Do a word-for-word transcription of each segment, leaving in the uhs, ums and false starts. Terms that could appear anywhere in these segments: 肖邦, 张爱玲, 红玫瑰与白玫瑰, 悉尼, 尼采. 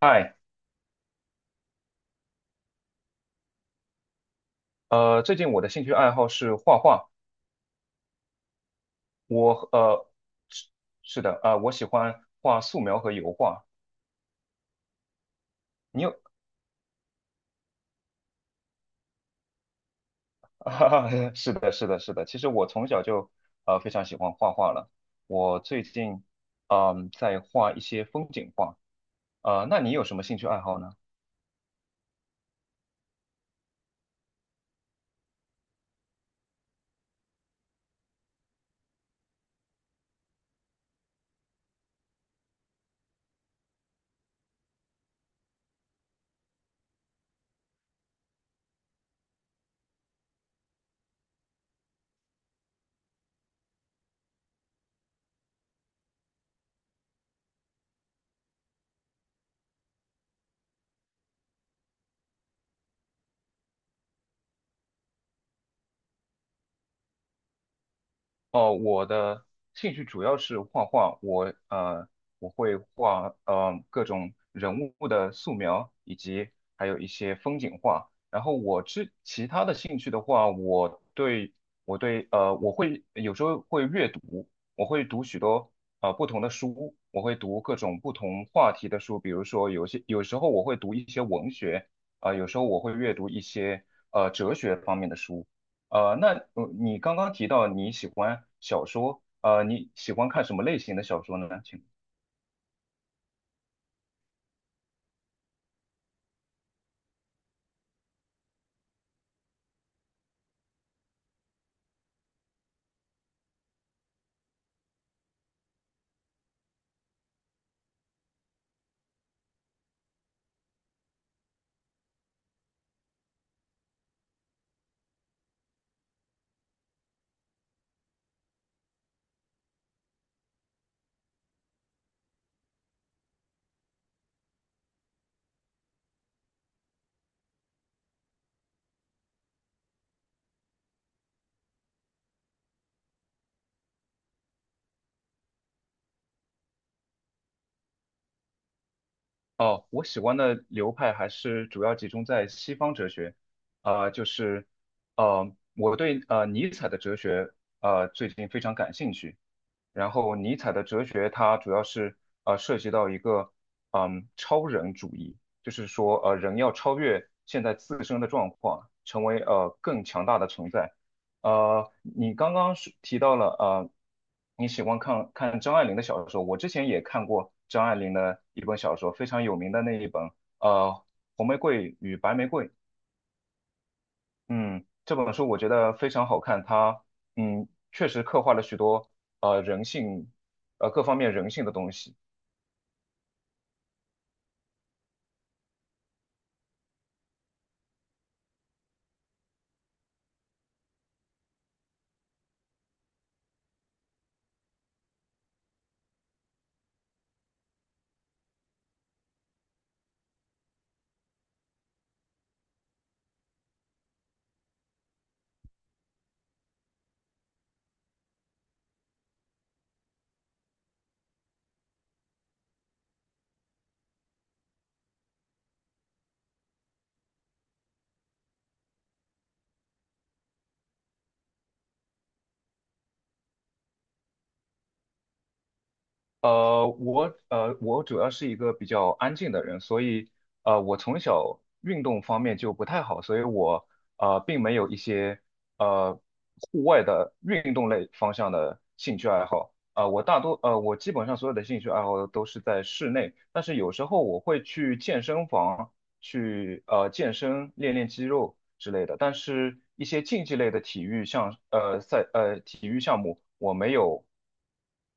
嗨，呃，最近我的兴趣爱好是画画，我呃是是的，呃，我喜欢画素描和油画。你有，哈哈是的，是的，是的。其实我从小就呃非常喜欢画画了。我最近嗯、在画一些风景画，呃，那你有什么兴趣爱好呢？哦，我的兴趣主要是画画，我呃，我会画呃各种人物的素描，以及还有一些风景画。然后我之其他的兴趣的话，我对我对呃，我会有时候会阅读，我会读许多呃不同的书，我会读各种不同话题的书，比如说有些有时候我会读一些文学，啊、有时候我会阅读一些呃哲学方面的书。呃，那呃你刚刚提到你喜欢小说，呃，你喜欢看什么类型的小说呢？请。哦，我喜欢的流派还是主要集中在西方哲学，呃，就是呃，我对呃尼采的哲学呃最近非常感兴趣。然后尼采的哲学它主要是呃涉及到一个嗯超人主义，就是说呃人要超越。成为呃更强大的存在。呃，你刚刚是提到了呃，你喜欢看看张爱玲的小说，我之前也看过张爱玲的一本小说，非常有名的那一本呃《红玫瑰与白玫瑰》。嗯，这本书我觉得非常好看，它嗯确实刻画了许多呃人性呃各方面人性的东西。呃，我呃，我主要是一个比较安静的人，所以呃，我从小运动方面就不太好，所以我呃，并没有一些呃户外的运动类方向的兴趣爱好。呃，我大多呃，我基本上所有的兴趣爱好都是在室内，但是有时候我会去健身房，去呃健身、练练肌肉之类的。但是，一些竞技类的体育项呃赛呃体育项目，我没有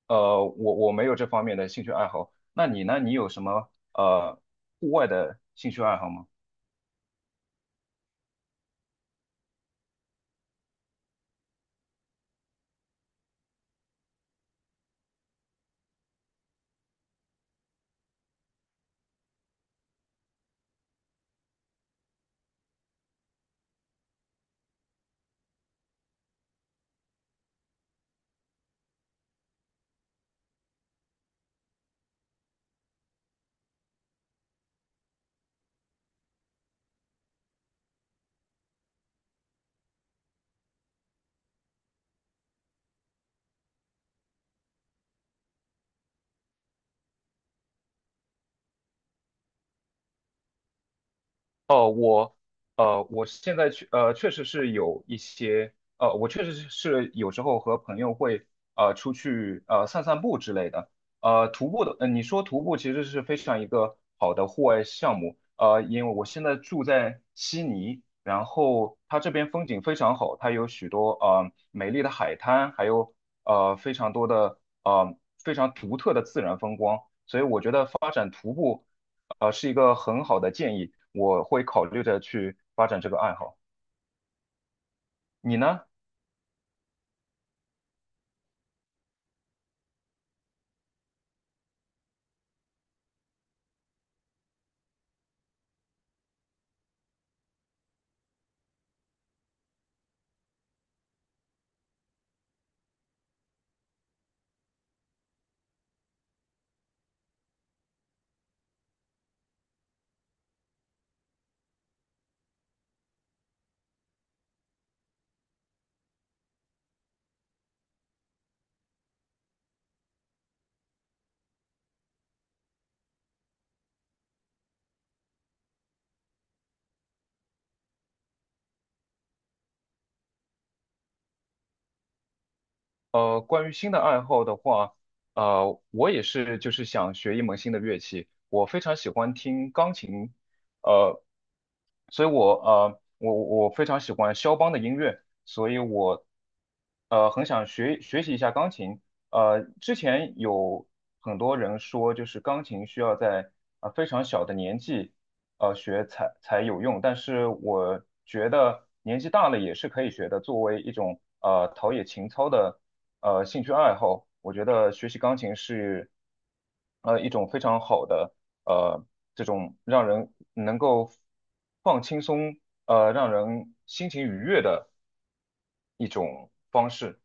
呃我我没有这方面的兴趣爱好。那你呢？你有什么呃户外的兴趣爱好吗？哦，我呃，我现在确呃，确实是有一些呃，我确实是有时候和朋友会呃出去呃散散步之类的。呃，徒步的，呃，你说徒步其实是非常一个好的户外项目。呃，因为我现在住在悉尼，然后它这边风景非常好，它有许多呃美丽的海滩，还有呃非常多的呃非常独特的自然风光，所以我觉得发展徒步。呃，是一个很好的建议，我会考虑着去发展这个爱好。你呢？呃，关于新的爱好的话，呃，我也是就是想学一门新的乐器。我非常喜欢听钢琴，呃，所以我呃，我我非常喜欢肖邦的音乐，所以我呃很想学学习一下钢琴。呃，之前有很多人说，就是钢琴需要在呃、非常小的年纪呃学才才有用，但是我觉得年纪大了也是可以学的，作为一种呃陶冶情操的。呃兴趣爱好，我觉得学习钢琴是呃一种非常好的呃这种让人能够放轻松呃让人心情愉悦的一种方式。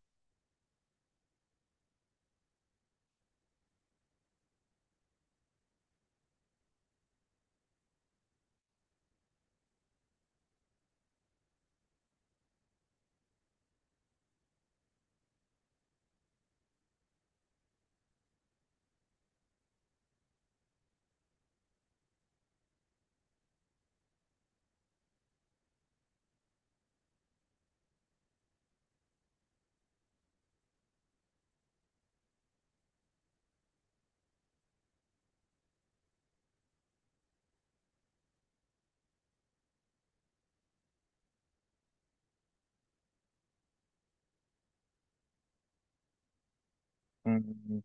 嗯，嗯嗯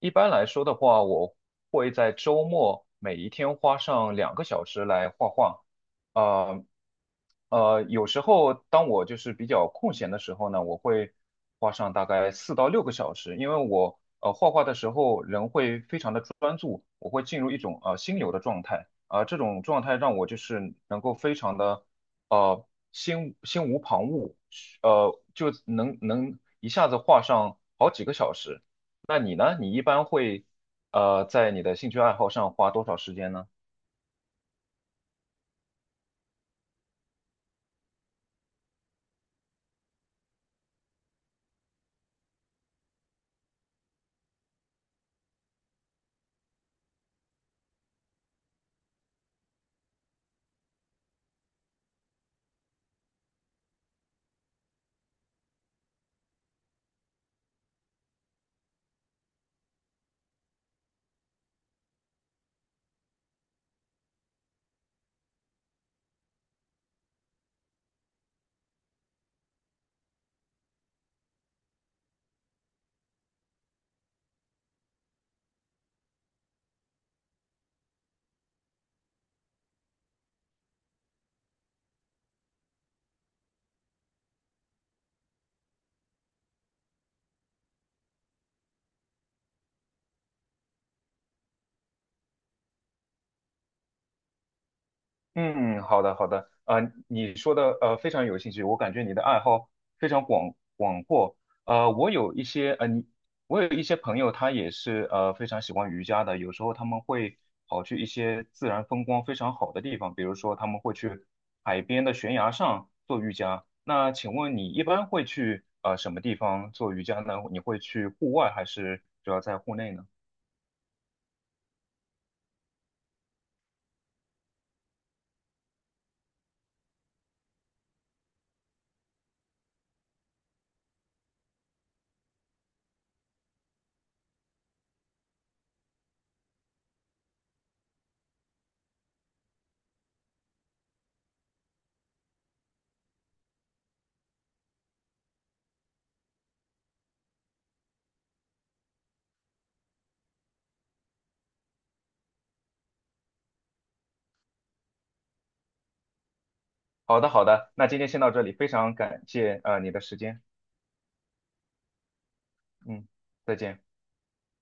一般来说的话，我会在周末每一天花上两个小时来画画。呃呃，有时候当我就是比较空闲的时候呢，我会花上大概四到六个小时，因为我呃画画的时候人会非常的专注，我会进入一种呃心流的状态，啊、这种状态让我就是能够非常的呃心心无旁骛，呃就能能一下子画上好几个小时。那你呢？你一般会呃在你的兴趣爱好上花多少时间呢？嗯，好的好的，啊、你说的呃非常有兴趣，我感觉你的爱好非常广广阔。呃，我有一些呃你，我有一些朋友，他也是呃非常喜欢瑜伽的，有时候他们会跑去一些自然风光非常好的地方，比如说他们会去海边的悬崖上做瑜伽。那请问你一般会去呃什么地方做瑜伽呢？你会去户外还是主要在户内呢？好的，好的，那今天先到这里，非常感谢呃你的时间，嗯，再见。